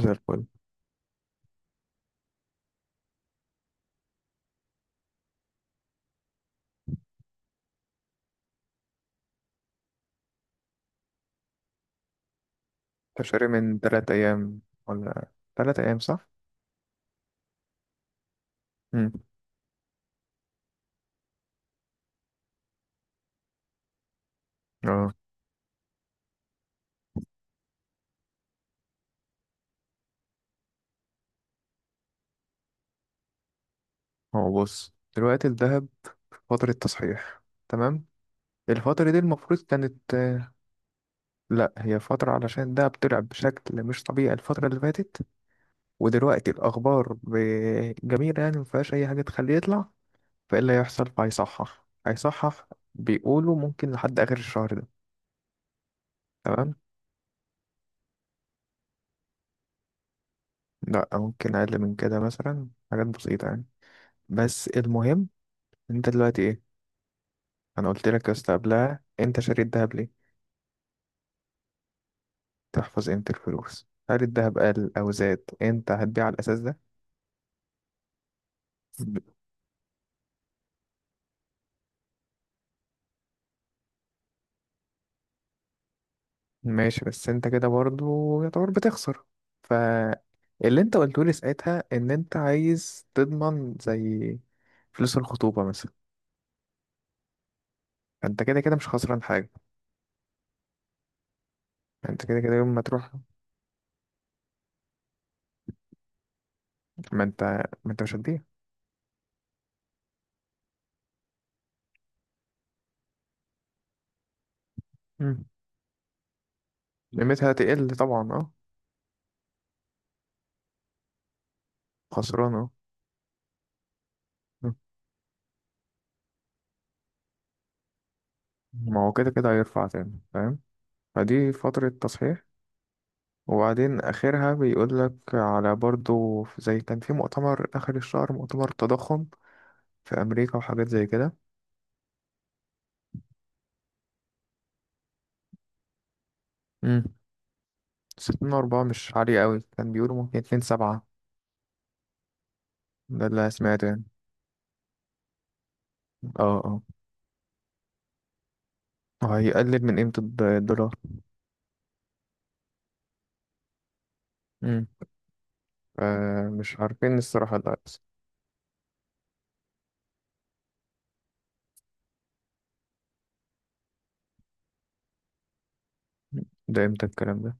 زي الفل. تشتري من تلات أيام، ولا تلات أيام صح؟ مم. اه، هو بص دلوقتي الذهب فترة تصحيح، تمام. الفترة دي المفروض كانت لأ هي فترة علشان الدهب طلع بشكل مش طبيعي الفترة اللي فاتت، ودلوقتي الأخبار جميلة، يعني مفيهاش أي حاجة تخليه يطلع. فإيه اللي هيحصل؟ فهيصحح هيصحح. بيقولوا ممكن لحد آخر الشهر ده. تمام. لأ ممكن أقل من كده، مثلا حاجات بسيطة يعني. بس المهم، انت دلوقتي ايه؟ انا قلت لك يا اسطى قبلها، انت شاري الذهب ليه؟ تحفظ قيمة الفلوس. هل الذهب قل او زاد انت هتبيع على الاساس ده؟ ب- ماشي، بس انت كده برضه يعتبر بتخسر. فاللي انت قلته لي ساعتها ان انت عايز تضمن، زي فلوس الخطوبة مثلا، انت كده كده مش خسران حاجة. انت كده كده يوم ما تروح. ما انت ما انت مش هتبيع. مم. قيمتها هتقل طبعا، اه. خسران، اه. مم. ما هو كده كده هيرفع تاني، فاهم. فدي فترة تصحيح. وبعدين آخرها بيقول لك على برضو زي كان في مؤتمر آخر الشهر، مؤتمر تضخم في أمريكا وحاجات زي كده. امم ستين أربعة مش عالية أوي، كان بيقولوا ممكن اتنين سبعة. ده اللي أنا سمعته يعني. اه، اه، هيقلل من قيمة الدولار. امم مش عارفين الصراحة ده هيحصل. ده امتى الكلام ده؟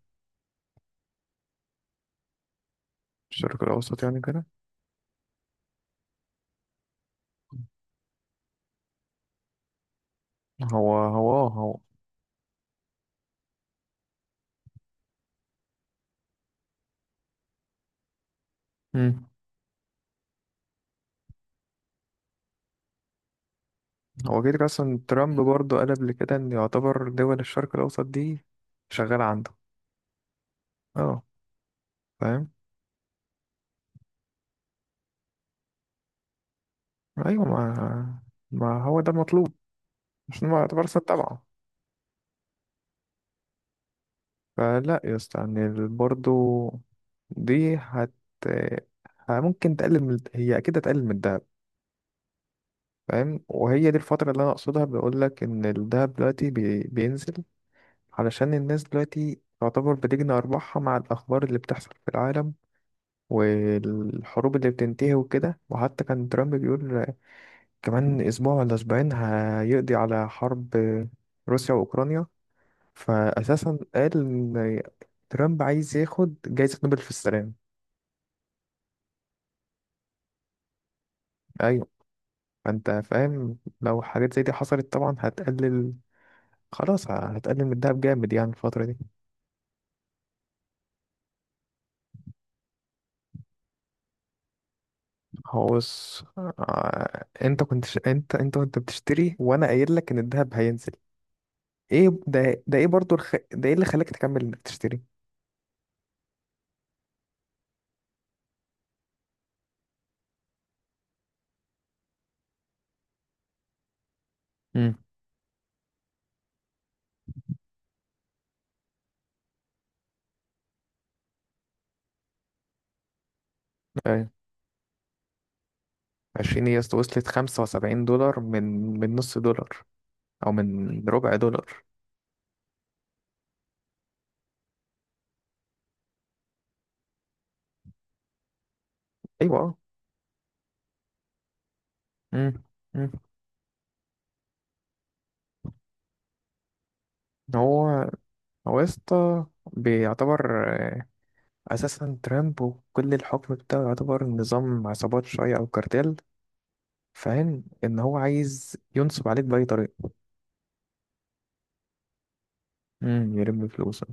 الشرق الأوسط يعني كده. هو هو آه، هو امم هو كده كده أصلا ترامب برضو قال قبل كده إن يعتبر دول الشرق الأوسط دي شغالة عنده. اه، فاهم. ايوه، ما هو ده المطلوب. مش ما اعتبر تبعه. فلا يا اسطى، يعني برضه دي هت ه- ممكن تقلل من هي اكيد هتقلل من الدهب. فاهم، وهي دي الفترة اللي انا اقصدها، بقول لك ان الدهب دلوقتي بينزل. علشان الناس دلوقتي تعتبر بتجني ارباحها مع الاخبار اللي بتحصل في العالم، والحروب اللي بتنتهي وكده. وحتى كان ترامب بيقول كمان اسبوع ولا اسبوعين هيقضي على حرب روسيا واوكرانيا. فأساسا قال إن ترامب عايز ياخد جايزة نوبل في السلام. أيوة. فأنت فاهم لو حاجات زي دي حصلت طبعا هتقلل. خلاص، هتقلل من الدهب جامد يعني الفترة دي. هو بص، انت كنت ش... انت انت وانت بتشتري، وانا قايل لك ان الدهب هينزل. ايه ده ايه اللي خلاك تكمل انك تشتري؟ امم ايوه. عشرين، هي وصلت 75 دولار من نص دولار، او من ربع دولار. ايوه. امم امم هو هو يا اسطى بيعتبر، اساسا ترامب وكل الحكم بتاعه يعتبر نظام عصابات شويه او كارتيل. فاهم ان هو عايز ينصب عليك باي طريقه. يلم فلوسه.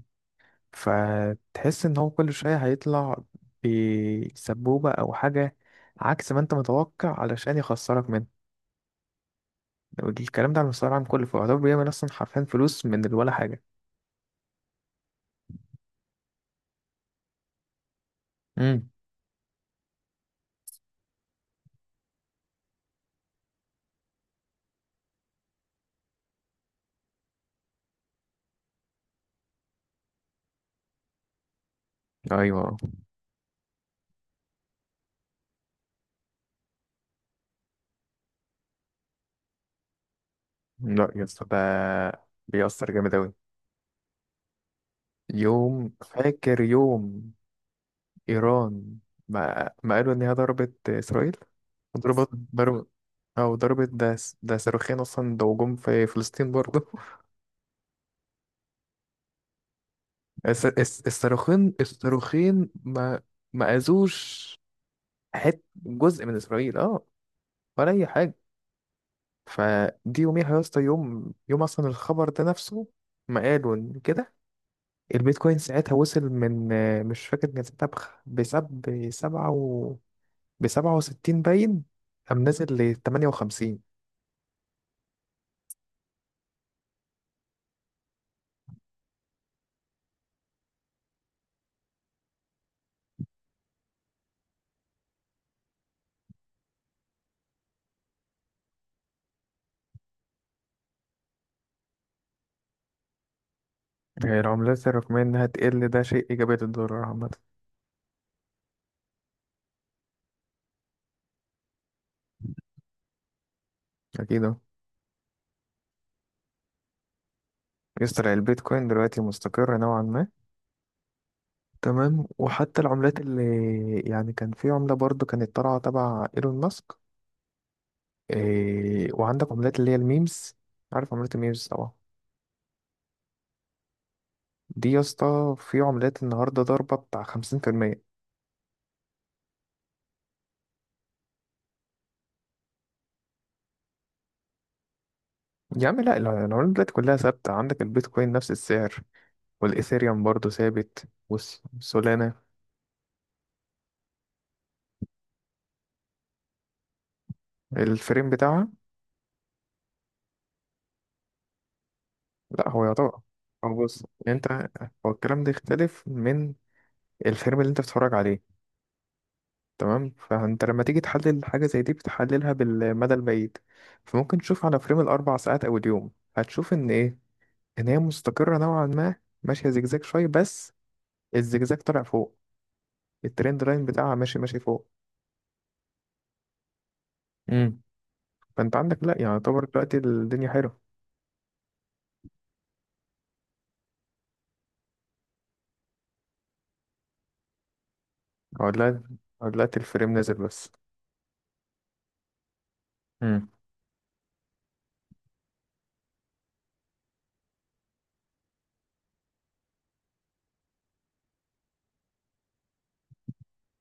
فتحس ان هو كل شويه هيطلع بسبوبه او حاجه، عكس ما انت متوقع، علشان يخسرك منه. الكلام ده على المستوى العام كله، فيعتبر بيعمل اصلا حرفيا فلوس من ولا حاجه. امم ايوه. لا يا اسطى، ده بيأثر جامد اوي. يوم، فاكر يوم إيران ما قالوا إن هي ضربت إسرائيل؟ وضربت ضرب أو ضربت، ده صاروخين أصلا، ده هجوم في فلسطين برضه. الصاروخين ما أذوش حت جزء من إسرائيل، أه، ولا أي حاجة. فدي يوميها يا اسطى، يوم يوم أصلا، الخبر ده نفسه ما قالوا إن كده. البيتكوين ساعتها وصل من مش فاكر كان ساعتها بسبعة و بسبعة وستين باين. قام نازل لتمانية وخمسين. هي العملات الرقمية إنها تقل ده شيء إيجابي للدولار عامة. أكيد، أه. يسطا البيتكوين دلوقتي مستقر نوعا ما. تمام، وحتى العملات اللي يعني كان في عملة برضو كانت طالعة تبع إيلون ماسك، إيه، وعندك عملات اللي هي الميمز، عارف عملات الميمز طبعا. دي يا اسطى في عملات النهاردة ضربة بتاع 50%. يا عم لأ، العملات دلوقتي كلها ثابتة، عندك البيتكوين نفس السعر، والإيثيريوم برضو ثابت، والسولانا، الفريم بتاعها. لا هو يعتبر. هو بص انت، هو الكلام ده يختلف من الفيلم اللي انت بتتفرج عليه. تمام، فانت لما تيجي تحلل حاجة زي دي بتحللها بالمدى البعيد. فممكن تشوف على فريم الاربع ساعات او اليوم، هتشوف ان ايه؟ ان هي مستقرة نوعا ما، ماشية زجزاج شوية، بس الزجزاج طالع فوق، الترند لاين بتاعها ماشي ماشي فوق. امم فانت عندك لا، يعني يعتبر دلوقتي الدنيا حلوة. او دلوقتي أو دلوقتي الفريم نازل بس. امم.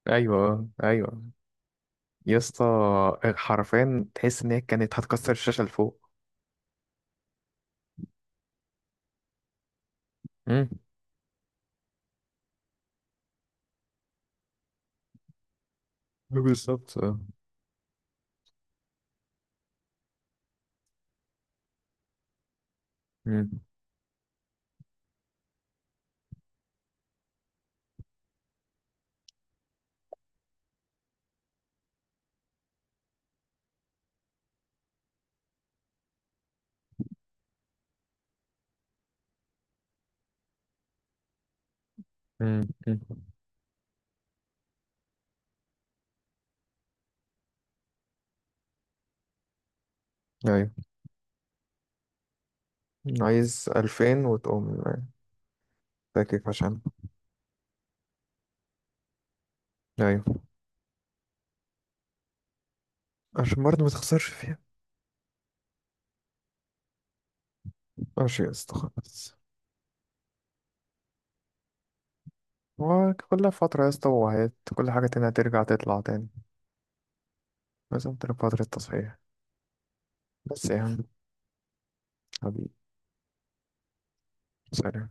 ايوه، ايوه، يا اسطى، حرفيا تحس ان هي كانت هتكسر الشاشه اللي فوق. امم. بالظبط، اه. امم، امم، أمم. ايوه، عايز 2000 وتقوم، فاكك عشان. ايوه، عشان برضه ما تخسرش فيها. ماشي يا اسطى، خلاص. هو كل فترة يا اسطى وهات، كل حاجة تانية هترجع تطلع تاني، لازم تبقى فترة تصحيح. بس يا عم، حبيبي. سلام.